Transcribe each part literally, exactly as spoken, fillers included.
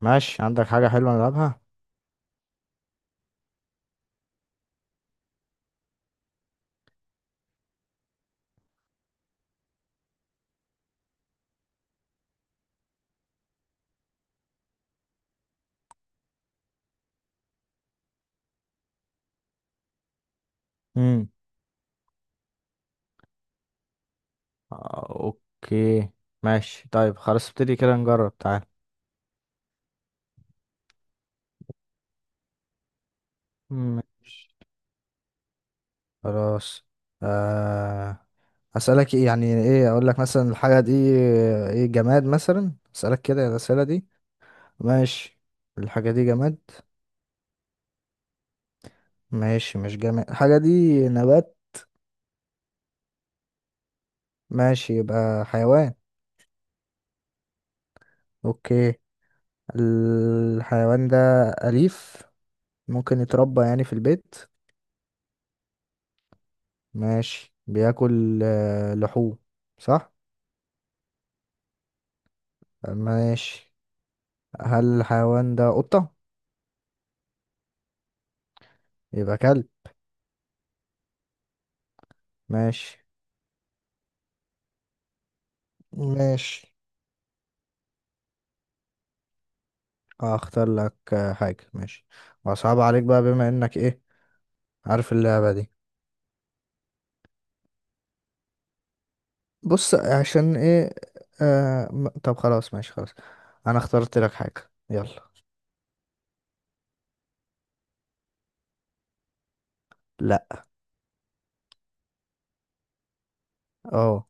ماشي، عندك حاجة حلوة نلعبها؟ امم. آه، اوكي. ماشي طيب، خلاص، ابتدي كده نجرب، تعال. ماشي خلاص. آه، اسألك ايه؟ يعني ايه اقول لك مثلا الحاجة دي؟ ايه، جماد مثلا؟ اسألك كده الأسئلة دي؟ ماشي، الحاجة دي جماد؟ ماشي، مش جماد الحاجة دي، نبات؟ ماشي، يبقى حيوان. اوكي، الحيوان ده أليف؟ ممكن يتربى يعني في البيت؟ ماشي، بياكل آه، لحوم، صح؟ ماشي، هل الحيوان ده قطة؟ يبقى كلب؟ ماشي. ماشي، هختار لك آه، حاجة، ماشي. وصعب عليك بقى بما انك ايه، عارف اللعبة دي. بص، عشان ايه؟ آه م- طب خلاص، ماشي خلاص. انا اخترت لك حاجة، يلا. لا. اه.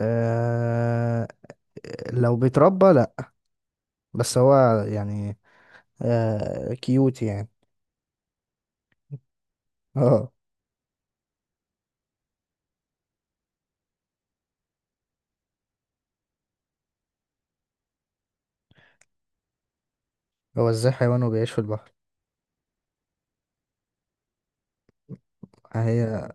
آه، لو بيتربى لا. بس هو، يعني آه كيوت يعني. اه. هو ازاي حيوان وبيعيش في البحر؟ هي،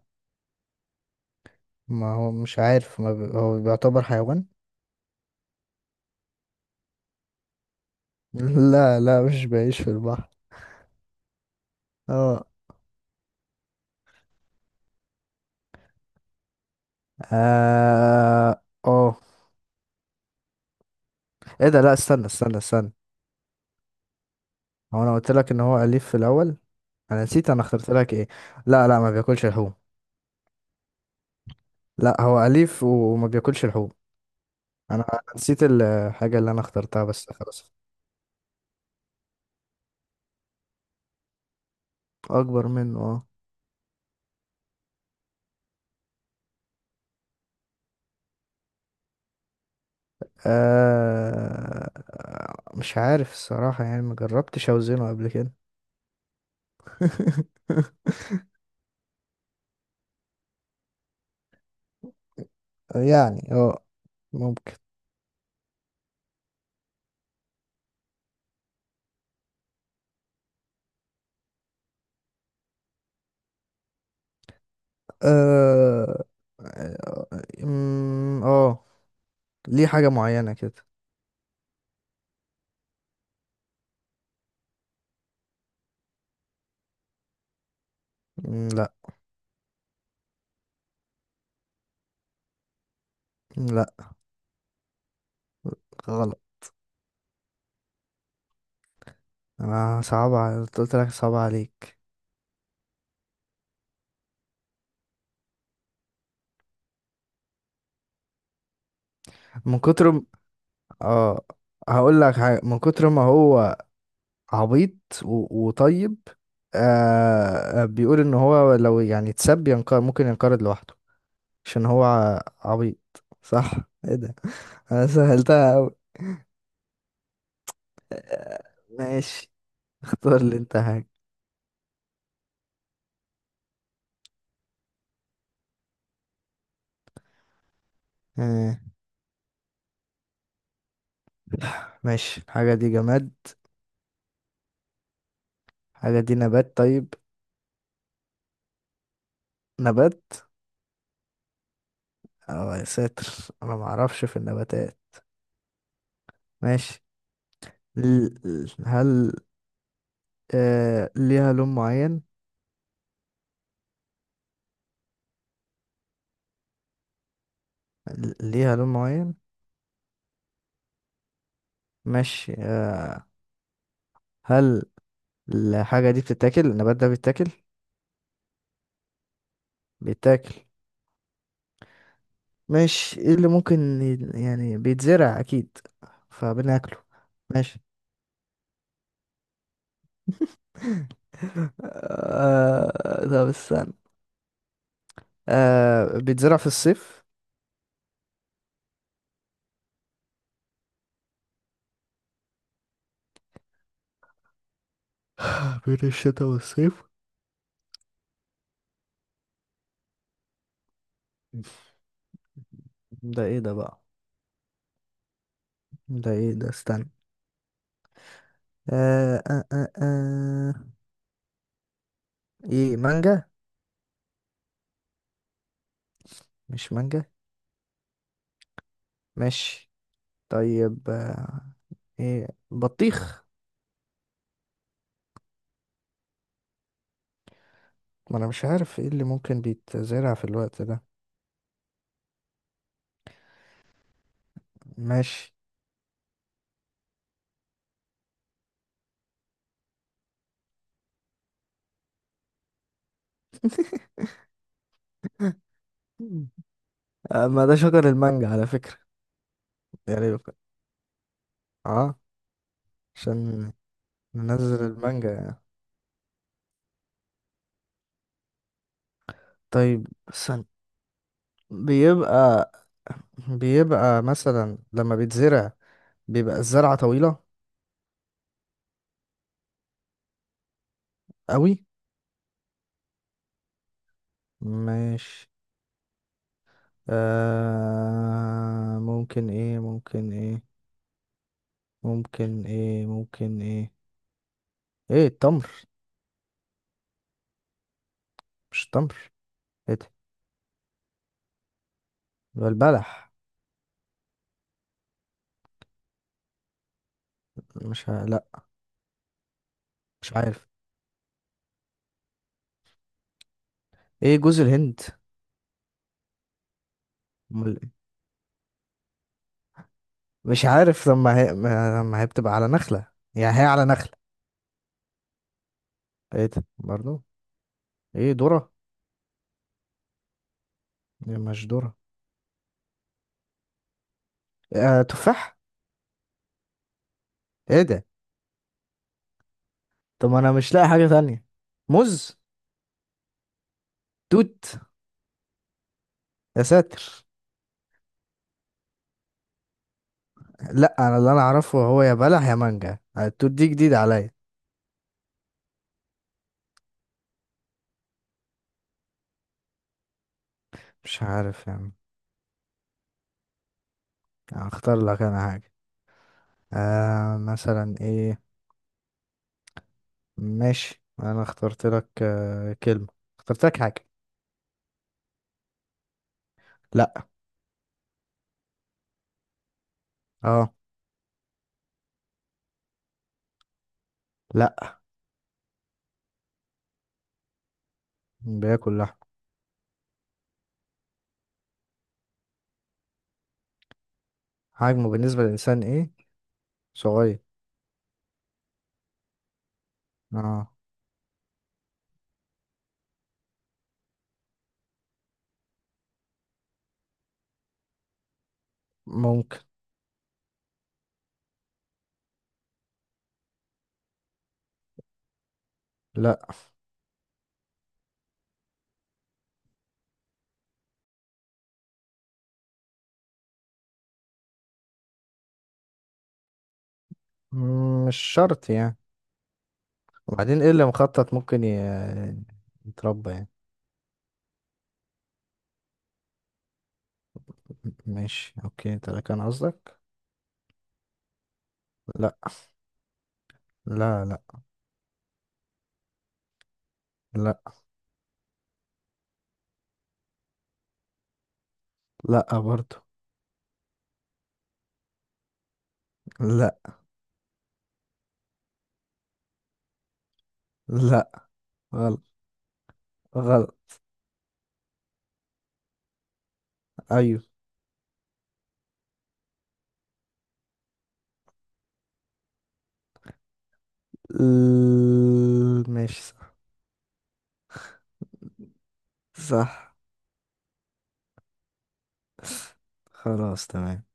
ما هو مش عارف، ما بي... هو بيعتبر حيوان. لا، لا، مش بعيش في البحر. اه. اه، اه، ايه ده؟ لا، استنى استنى استنى. هو انا قلت لك ان هو اليف في الاول. انا نسيت انا اخترت لك ايه. لا، لا، ما بياكلش لحوم. لا، هو اليف وما بياكلش لحوم. انا أنا نسيت الحاجه اللي انا اخترتها، بس خلاص. اكبر منه، اه. آه، مش عارف الصراحه، يعني ما جربتش اوزنه قبل كده. يعني اه، ممكن. اه، اه، أمم، آه. ليه حاجة معينة كده. أمم، لا. لا. غلط. انا صعب ع- قلت لك صعب عليك. من كتر م... اه، هقول لك حاجة. من كتر ما هو عبيط. و... وطيب. آه بيقول ان هو لو يعني اتسب ينقر ممكن ينقرض لوحده. عشان هو ع- عبيط. صح. ايه ده؟ انا سهلتها أوي. آه، ماشي. اختار لي انت حاجة. آه. ماشي، الحاجة دي جماد؟ حاجة دي نبات؟ طيب، نبات؟ اه، يا ساتر. انا ما اعرفش في النباتات. ماشي. ال- ال- هل آه ليها لون معين؟ ال- ليها لون معين؟ ماشي. آه هل الحاجة دي بتتاكل؟ النبات ده بيتاكل؟ بيتاكل. ماشي، ايه اللي ممكن ي- يعني بيتزرع اكيد فبناكله. ماشي. آه طب استنى. آه بيتزرع في الصيف؟ بين الشتاء والصيف. ده ايه ده بقى؟ ده ايه ده؟ استنى. آه، آه، آه، آه. ايه، مانجا؟ مش مانجا. ماشي طيب. آه ايه، بطيخ؟ ما انا مش عارف ايه اللي ممكن بيتزرع في الوقت ده. ماشي. آه ما ده شجر المانجا على فكرة. يعني اه، عشان ننزل المانجا يعني. طيب، سن. بيبقى بيبقى مثلا لما بيتزرع، بيبقى الزرعة طويلة قوي. ماشي. آه ممكن ايه ممكن ايه ممكن ايه ممكن ايه؟ ايه، التمر؟ مش التمر. ايه ده؟ يبقى البلح؟ مش ه... لا. مش عارف. ايه، جوز الهند؟ أمال إيه؟ مش عارف، لما هي ما- لما هي بتبقى على نخلة. يعني هي على نخلة. ايه ده برضو؟ ايه، ذرة؟ إيه، مش ذرة؟ آه تفاح؟ ايه ده؟ طب انا مش لاقي حاجة تانية. موز؟ توت؟ يا ساتر. لا، انا اللي انا اعرفه هو يا بلح يا مانجا. آه، التوت دي جديدة عليا. مش عارف يعني. هختار لك انا حاجة. آه مثلا ايه. ماشي، انا اخترت لك آه، كلمة. اخترت لك حاجة. لا. اه. لا. بياكل لحم. حجمه بالنسبة للإنسان ايه؟ صغير. اه. ممكن. لا. مم، مش شرط يعني. وبعدين ايه اللي مخطط ممكن ي- يتربى يعني؟ م- ماشي اوكي، انت ده كان قصدك؟ لا. لا، لا. لا. لا برضو. لا. لا. غلط. غلط. ايوه. ال- ماشي، صح. صح. خلاص، تمام.